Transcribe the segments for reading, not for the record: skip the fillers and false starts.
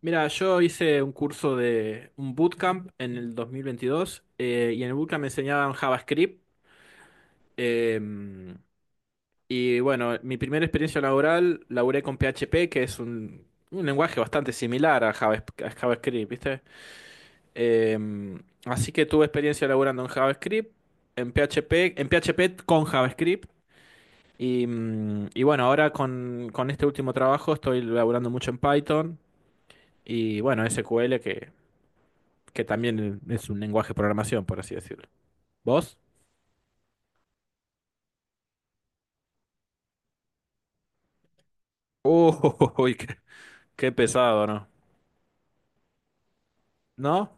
Mira, yo hice un curso de un bootcamp en el 2022, y en el bootcamp me enseñaban JavaScript. eh, y bueno, mi primera experiencia laboral laburé con PHP, que es un lenguaje bastante similar a a JavaScript, ¿viste? Eh, Así que tuve experiencia laburando en JavaScript, en PHP, en PHP con JavaScript. Y bueno, ahora con este último trabajo estoy laburando mucho en Python y bueno, SQL que también es un lenguaje de programación, por así decirlo. ¿Vos? Uy, qué pesado, ¿no? ¿No?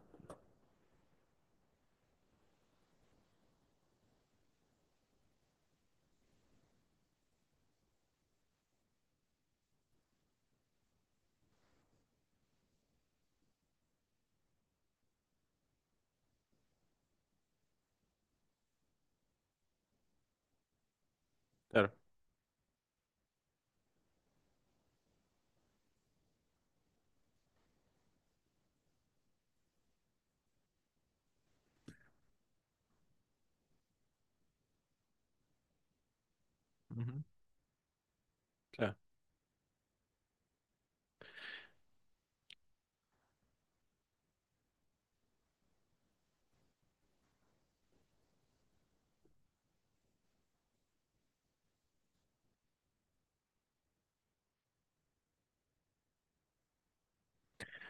Claro. Ujú, claro.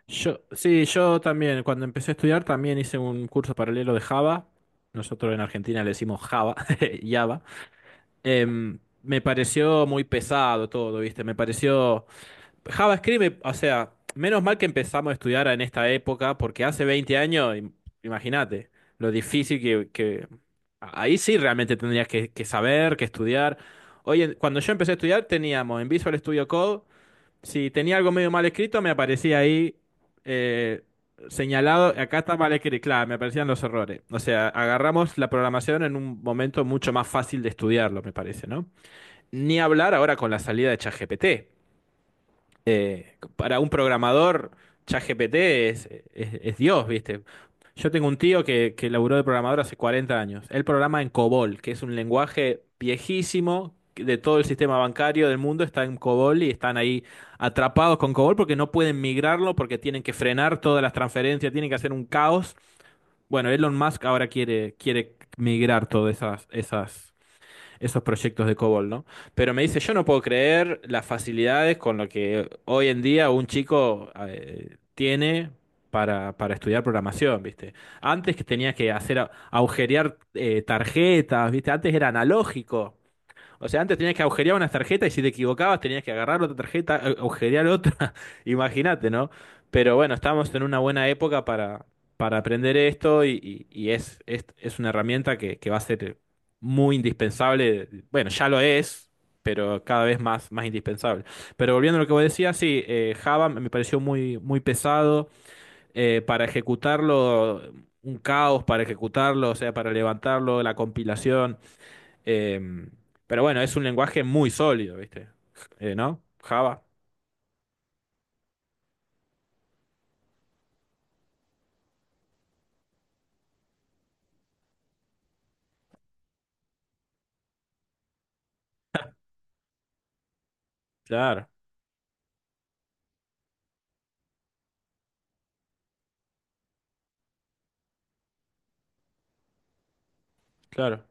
Sí, yo también, cuando empecé a estudiar, también hice un curso paralelo de Java. Nosotros en Argentina le decimos Java, Java. Me pareció muy pesado todo, ¿viste? Me pareció... JavaScript, o sea, menos mal que empezamos a estudiar en esta época, porque hace 20 años, imagínate lo difícil que... Ahí sí realmente tendrías que saber, que estudiar. Oye, cuando yo empecé a estudiar teníamos en Visual Studio Code, si tenía algo medio mal escrito me aparecía ahí eh, señalado, acá está mal escrito, claro, me aparecían los errores. O sea, agarramos la programación en un momento mucho más fácil de estudiarlo, me parece, ¿no? Ni hablar ahora con la salida de ChatGPT, para un programador, ChatGPT es Dios, ¿viste? Yo tengo un tío que laburó de programador hace 40 años. Él programa en COBOL, que es un lenguaje viejísimo que de todo el sistema bancario del mundo. Está en COBOL y están ahí atrapados con COBOL porque no pueden migrarlo, porque tienen que frenar todas las transferencias, tienen que hacer un caos. Bueno, Elon Musk ahora quiere migrar todas esas, esas esos proyectos de COBOL, ¿no? Pero me dice, yo no puedo creer las facilidades con lo que hoy en día un chico tiene para estudiar programación, ¿viste? Antes que tenía que hacer agujerear tarjetas, ¿viste? Antes era analógico. O sea, antes tenías que agujerear unas tarjetas y si te equivocabas tenías que agarrar otra tarjeta, agujerear otra. Imagínate, ¿no? Pero bueno, estamos en una buena época para aprender esto y es una herramienta que va a ser muy indispensable. Bueno, ya lo es, pero cada vez más indispensable. Pero volviendo a lo que vos decías, sí, Java me pareció muy, muy pesado para ejecutarlo, un caos para ejecutarlo, o sea, para levantarlo, la compilación. Eh, pero bueno, es un lenguaje muy sólido, ¿viste? ¿No? Java. Claro, claro.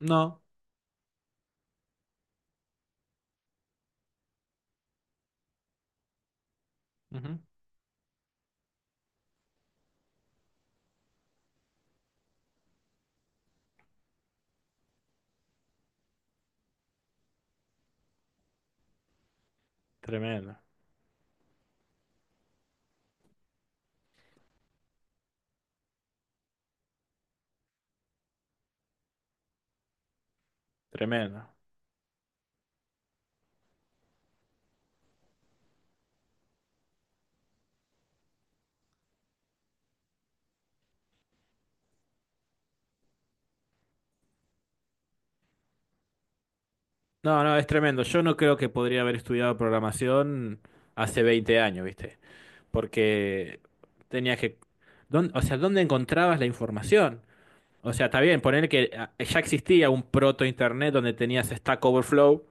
No. Ujú. Tremendo, tremendo. No, no, es tremendo. Yo no creo que podría haber estudiado programación hace 20 años, ¿viste? Porque tenías que... o sea, ¿dónde encontrabas la información? O sea, está bien, poner que ah, ya existía un proto-internet donde tenías Stack Overflow.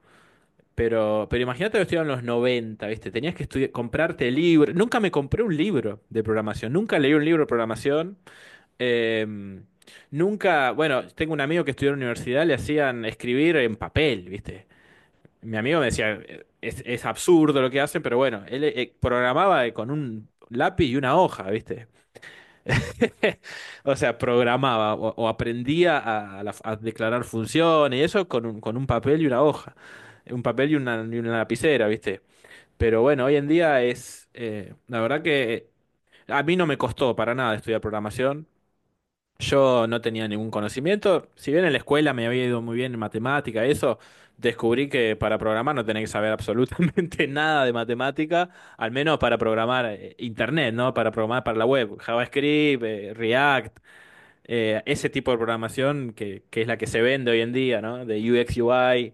Pero imagínate que estudiaba en los noventa, ¿viste? Tenías que comprarte libros. Nunca me compré un libro de programación. Nunca leí un libro de programación. Em, Nunca. Bueno, tengo un amigo que estudió en la universidad, le hacían escribir en papel, ¿viste? Mi amigo me decía, es absurdo lo que hacen, pero bueno, él programaba con un lápiz y una hoja, ¿viste? O sea, programaba o aprendía a declarar funciones y eso con un papel y una hoja. Un papel y una lapicera, ¿viste? Pero bueno, hoy en día la verdad que a mí no me costó para nada estudiar programación. Yo no tenía ningún conocimiento. Si bien en la escuela me había ido muy bien en matemática, eso, descubrí que para programar no tenés que saber absolutamente nada de matemática, al menos para programar internet, ¿no? Para programar para la web, JavaScript, React, ese tipo de programación que es la que se vende hoy en día, ¿no? De UX UI.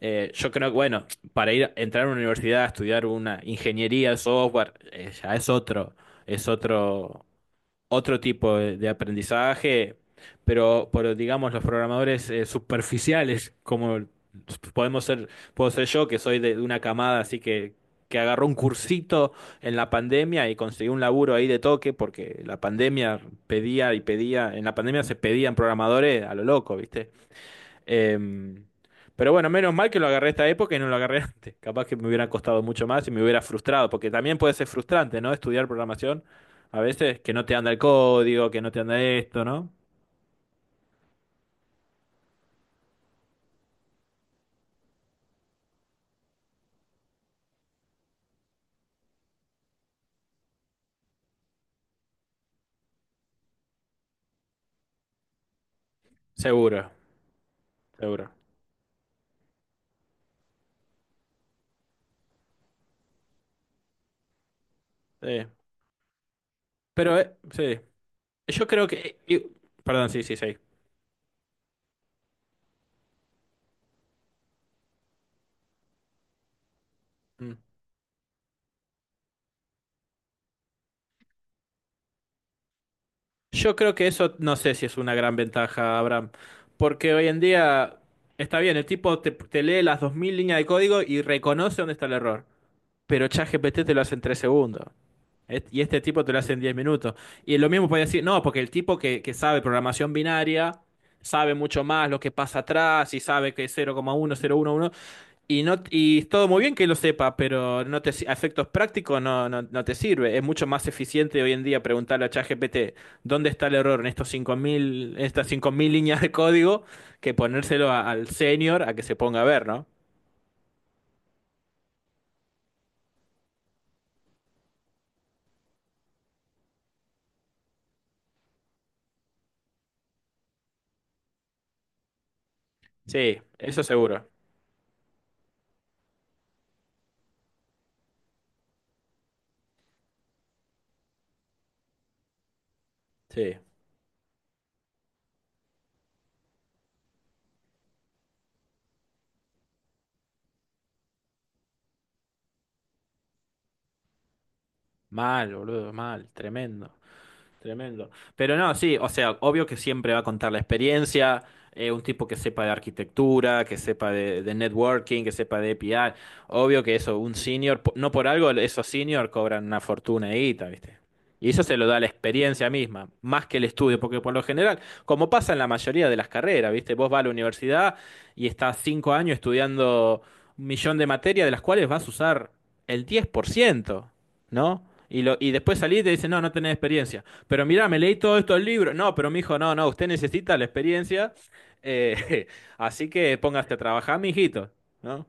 Yo creo que, bueno, para ir entrar a una universidad a estudiar una ingeniería de software, ya es otro tipo de aprendizaje, pero digamos, los programadores superficiales, como podemos ser, puedo ser yo, que soy de una camada, así que agarró un cursito en la pandemia y consiguió un laburo ahí de toque, porque la pandemia pedía y pedía, en la pandemia se pedían programadores a lo loco, ¿viste? Em, pero bueno, menos mal que lo agarré esta época y no lo agarré antes. Capaz que me hubiera costado mucho más y me hubiera frustrado, porque también puede ser frustrante, ¿no? Estudiar programación a veces que no te anda el código, que no te anda esto, ¿no? Seguro, seguro. Sí. Pero, sí. Yo creo que... perdón, sí, sí, sí. Mm. Yo creo que eso no sé si es una gran ventaja, Abraham, porque hoy en día está bien, el tipo te lee las 2.000 líneas de código y reconoce dónde está el error, pero ChatGPT te lo hace en 3 segundos. Y este tipo te lo hace en 10 minutos. Y lo mismo puede decir, no, porque el tipo que sabe programación binaria sabe mucho más lo que pasa atrás y sabe que es 0,1011. Y no, y es todo muy bien que lo sepa, pero no te si- a efectos prácticos no, no, no te sirve. Es mucho más eficiente hoy en día preguntarle a ChatGPT dónde está el error en estos 5000 estas 5.000 líneas de código que ponérselo al senior a que se ponga a ver, ¿no? Sí, eso seguro. Sí, mal, boludo, mal, tremendo. Tremendo. Pero no, sí, o sea, obvio que siempre va a contar la experiencia, un tipo que sepa de arquitectura, que sepa de networking, que sepa de API. Obvio que eso, un senior, no por algo esos senior cobran una fortuna de guita, ¿viste? Y eso se lo da la experiencia misma, más que el estudio, porque por lo general, como pasa en la mayoría de las carreras, ¿viste? Vos vas a la universidad y estás 5 años estudiando un millón de materias, de las cuales vas a usar el 10%, ¿no? Y después salís y te dicen, no, no tenés experiencia. Pero mira, me leí todos estos libros. No, pero mi hijo, no, no, usted necesita la experiencia. eh, Así que póngase a trabajar, mijito, ¿no?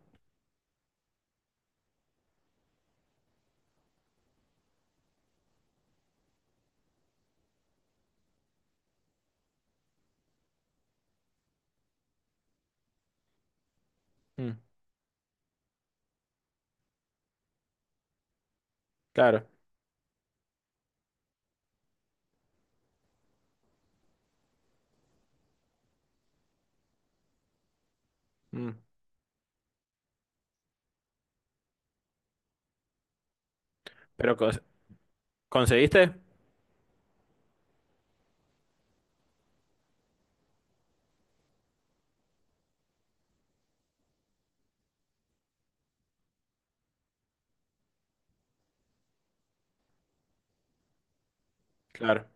Mm, claro. Mm. Pero, ¿conseguiste? Claro.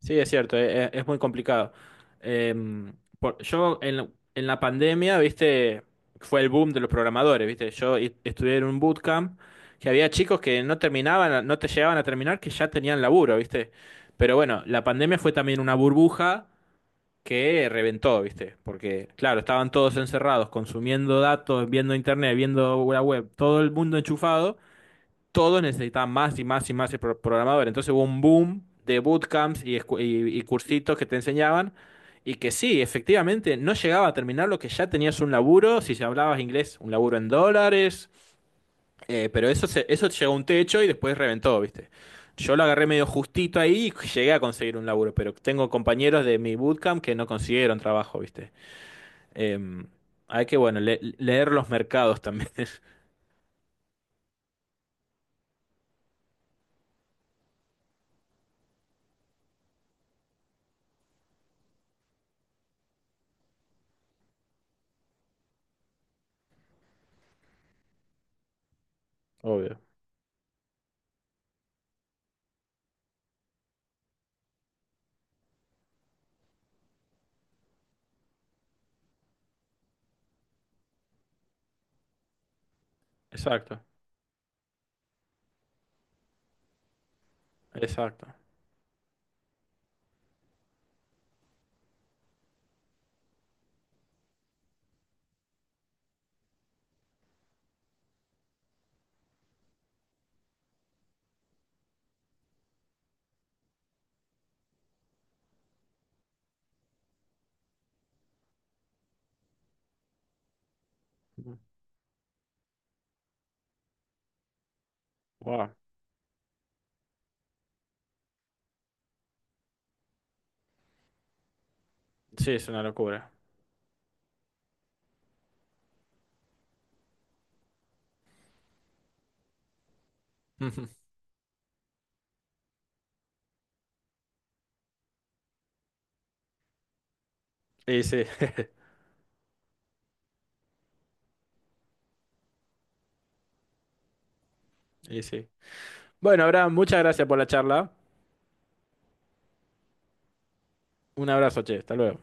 Sí, es cierto, es muy complicado. Em, yo en la pandemia, viste, fue el boom de los programadores, viste. Yo estudié en un bootcamp que había chicos que no terminaban, no te llegaban a terminar, que ya tenían laburo, viste. Pero bueno, la pandemia fue también una burbuja que reventó, ¿viste? Porque, claro, estaban todos encerrados, consumiendo datos, viendo internet, viendo la web, todo el mundo enchufado, todos necesitaban más y más y más de programadores. Entonces hubo un boom de bootcamps y cursitos que te enseñaban. Y que sí, efectivamente, no llegaba a terminar lo que ya tenías un laburo, si hablabas inglés, un laburo en dólares, pero eso, eso llegó a un techo y después reventó, ¿viste? Yo lo agarré medio justito ahí y llegué a conseguir un laburo, pero tengo compañeros de mi bootcamp que no consiguieron trabajo, ¿viste? Em, Hay que, bueno, leer los mercados también. Obvio. Exacto, exacto. Wow. Sí, es una locura. Y sí, y sí. Bueno, Abraham, muchas gracias por la charla. Un abrazo, che, hasta luego.